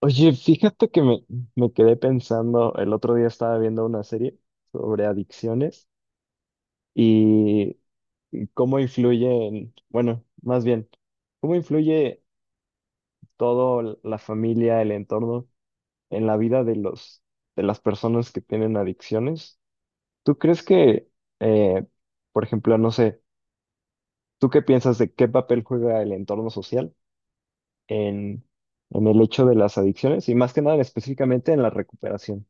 Oye, fíjate que me quedé pensando. El otro día estaba viendo una serie sobre adicciones y cómo influyen, bueno, más bien, cómo influye todo la familia, el entorno en la vida de de las personas que tienen adicciones. ¿Tú crees que, eh, por ejemplo, no sé, tú qué piensas de qué papel juega el entorno social en, en el hecho de las adicciones y más que nada específicamente en la recuperación?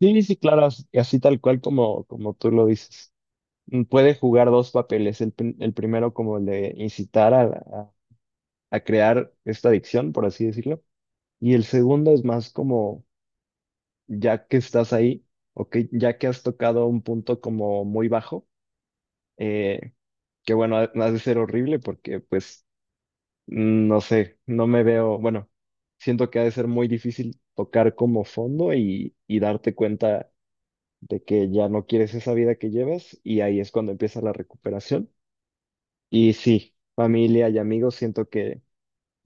Sí, sí, claro, así tal cual como tú lo dices. Mm, puede jugar dos papeles, el primero como el de incitar a crear esta adicción, por así decirlo, y el segundo es más como, ya que estás ahí, o ya que has tocado un punto como muy bajo, eh, que bueno, ha de ser horrible porque pues, mm, no sé, no me veo, bueno, siento que ha de ser muy difícil tocar como fondo y darte cuenta de que ya no quieres esa vida que llevas y ahí es cuando empieza la recuperación. Y sí, familia y amigos siento que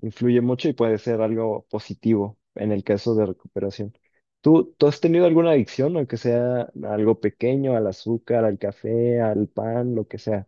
influye mucho y puede ser algo positivo en el caso de recuperación. ¿Tú has tenido alguna adicción, aunque sea algo pequeño, al azúcar, al café, al pan, lo que sea?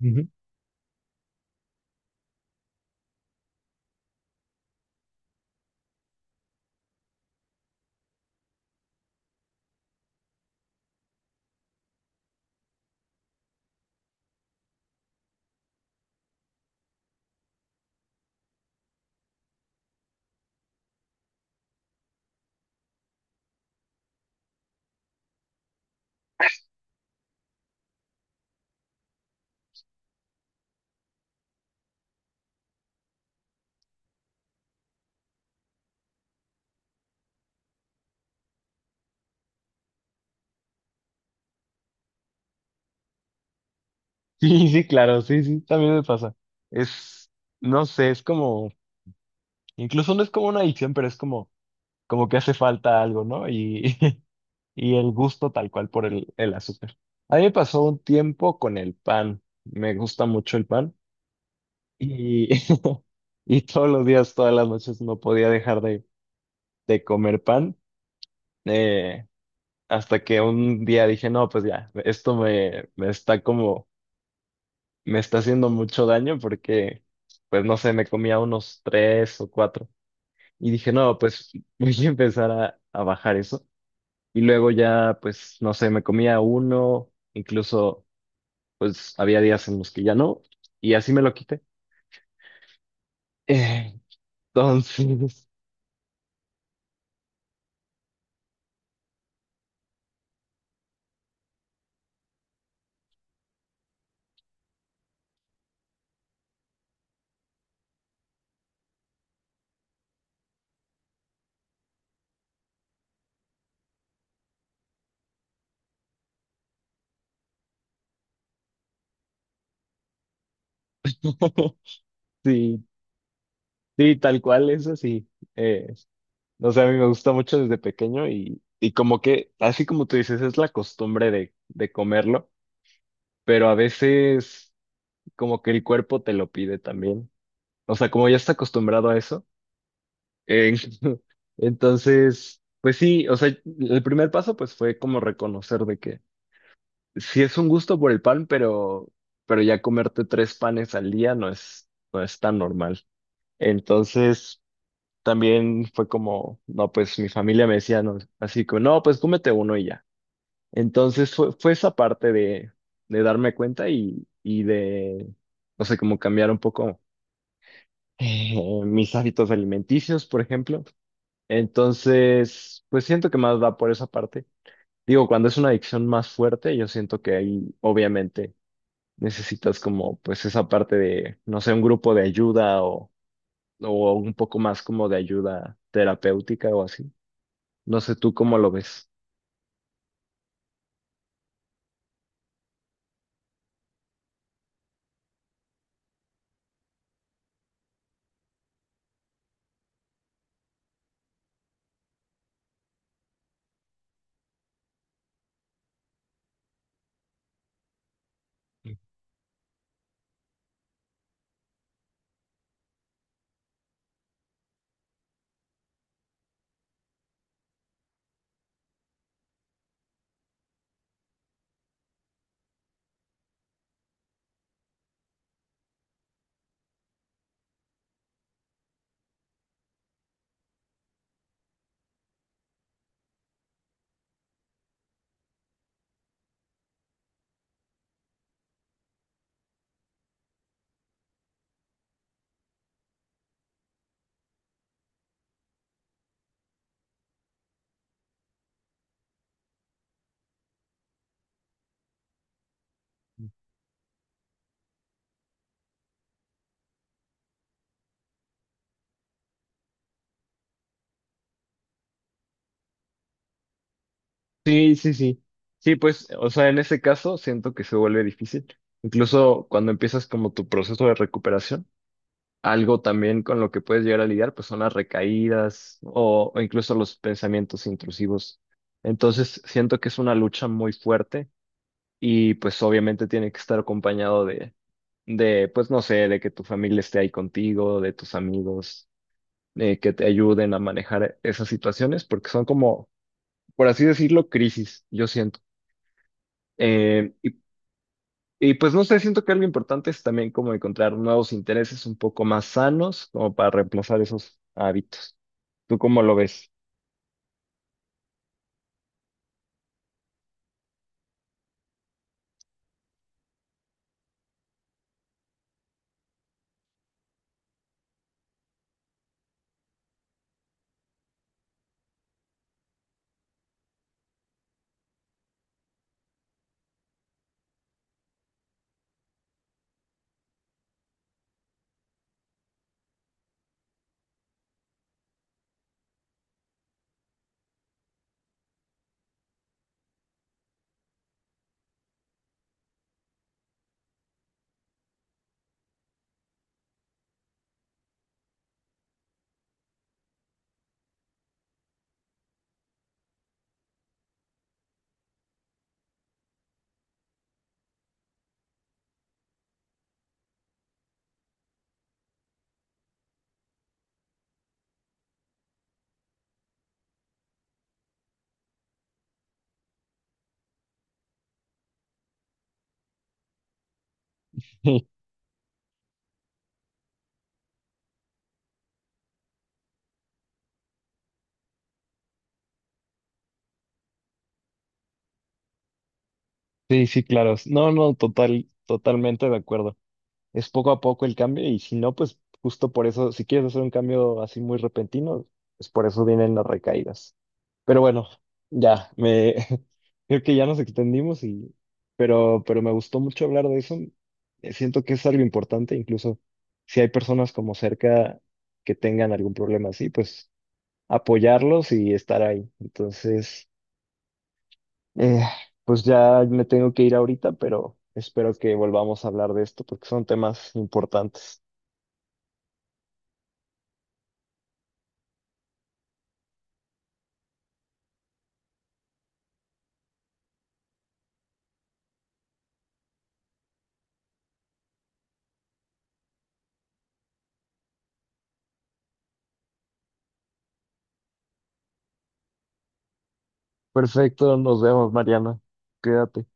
Ujú. Sí, sí, claro, sí, sí, también me pasa. Es, no sé, es como, incluso no es como una adicción, pero es como, como que hace falta algo, ¿no? Y y el gusto tal cual por el azúcar. A mí me pasó un tiempo con el pan. Me gusta mucho el pan y, y todos los días, todas las noches no podía dejar de comer pan, eh, hasta que un día dije, no, pues ya, esto me está como, me está haciendo mucho daño porque, pues no sé, me comía unos tres o cuatro y dije, no, pues voy a empezar a bajar eso. Y luego ya, pues, no sé, me comía uno, incluso pues había días en los que ya no, y así me lo quité. Eh, Entonces, sí, sí, tal cual, eso sí. Eh, no sé, a mí me gusta mucho desde pequeño y como que, así como tú dices, es la costumbre de comerlo, pero a veces como que el cuerpo te lo pide también. O sea, como ya está acostumbrado a eso. eh, entonces, pues sí, o sea, el primer paso pues fue como reconocer de que sí es un gusto por el pan, pero ya comerte tres panes al día no es, no es tan normal. Entonces, también fue como, no, pues mi familia me decía, no, así como, no, pues cómete uno y ya. Entonces fue esa parte de darme cuenta y de, no sé, como cambiar un poco mis hábitos alimenticios, por ejemplo. Entonces, pues siento que más va por esa parte. Digo, cuando es una adicción más fuerte, yo siento que ahí, obviamente necesitas como pues esa parte de, no sé, un grupo de ayuda o un poco más como de ayuda terapéutica o así. No sé tú cómo lo ves. Sí, sí, sí. Sí, pues, o sea, en ese caso siento que se vuelve difícil. Incluso cuando empiezas como tu proceso de recuperación, algo también con lo que puedes llegar a lidiar, pues son las recaídas o incluso los pensamientos intrusivos. Entonces, siento que es una lucha muy fuerte y pues obviamente tiene que estar acompañado de, pues no sé, de que tu familia esté ahí contigo, de tus amigos, que te ayuden a manejar esas situaciones, porque son como, por así decirlo, crisis, yo siento. Eh, y, y, pues no sé, siento que algo importante es también como encontrar nuevos intereses un poco más sanos, como para reemplazar esos hábitos. ¿Tú cómo lo ves? Sí, sí, sí, claro. No, no, total, totalmente de acuerdo. Es poco a poco el cambio y si no, pues justo por eso, si quieres hacer un cambio así muy repentino, pues por eso vienen las recaídas. Pero bueno, ya, me creo que ya nos extendimos pero me gustó mucho hablar de eso. Siento que es algo importante, incluso si hay personas como cerca que tengan algún problema así, pues apoyarlos y estar ahí. Entonces, eh, pues ya me tengo que ir ahorita, pero espero que volvamos a hablar de esto porque son temas importantes. Perfecto, nos vemos, Mariana. Quédate.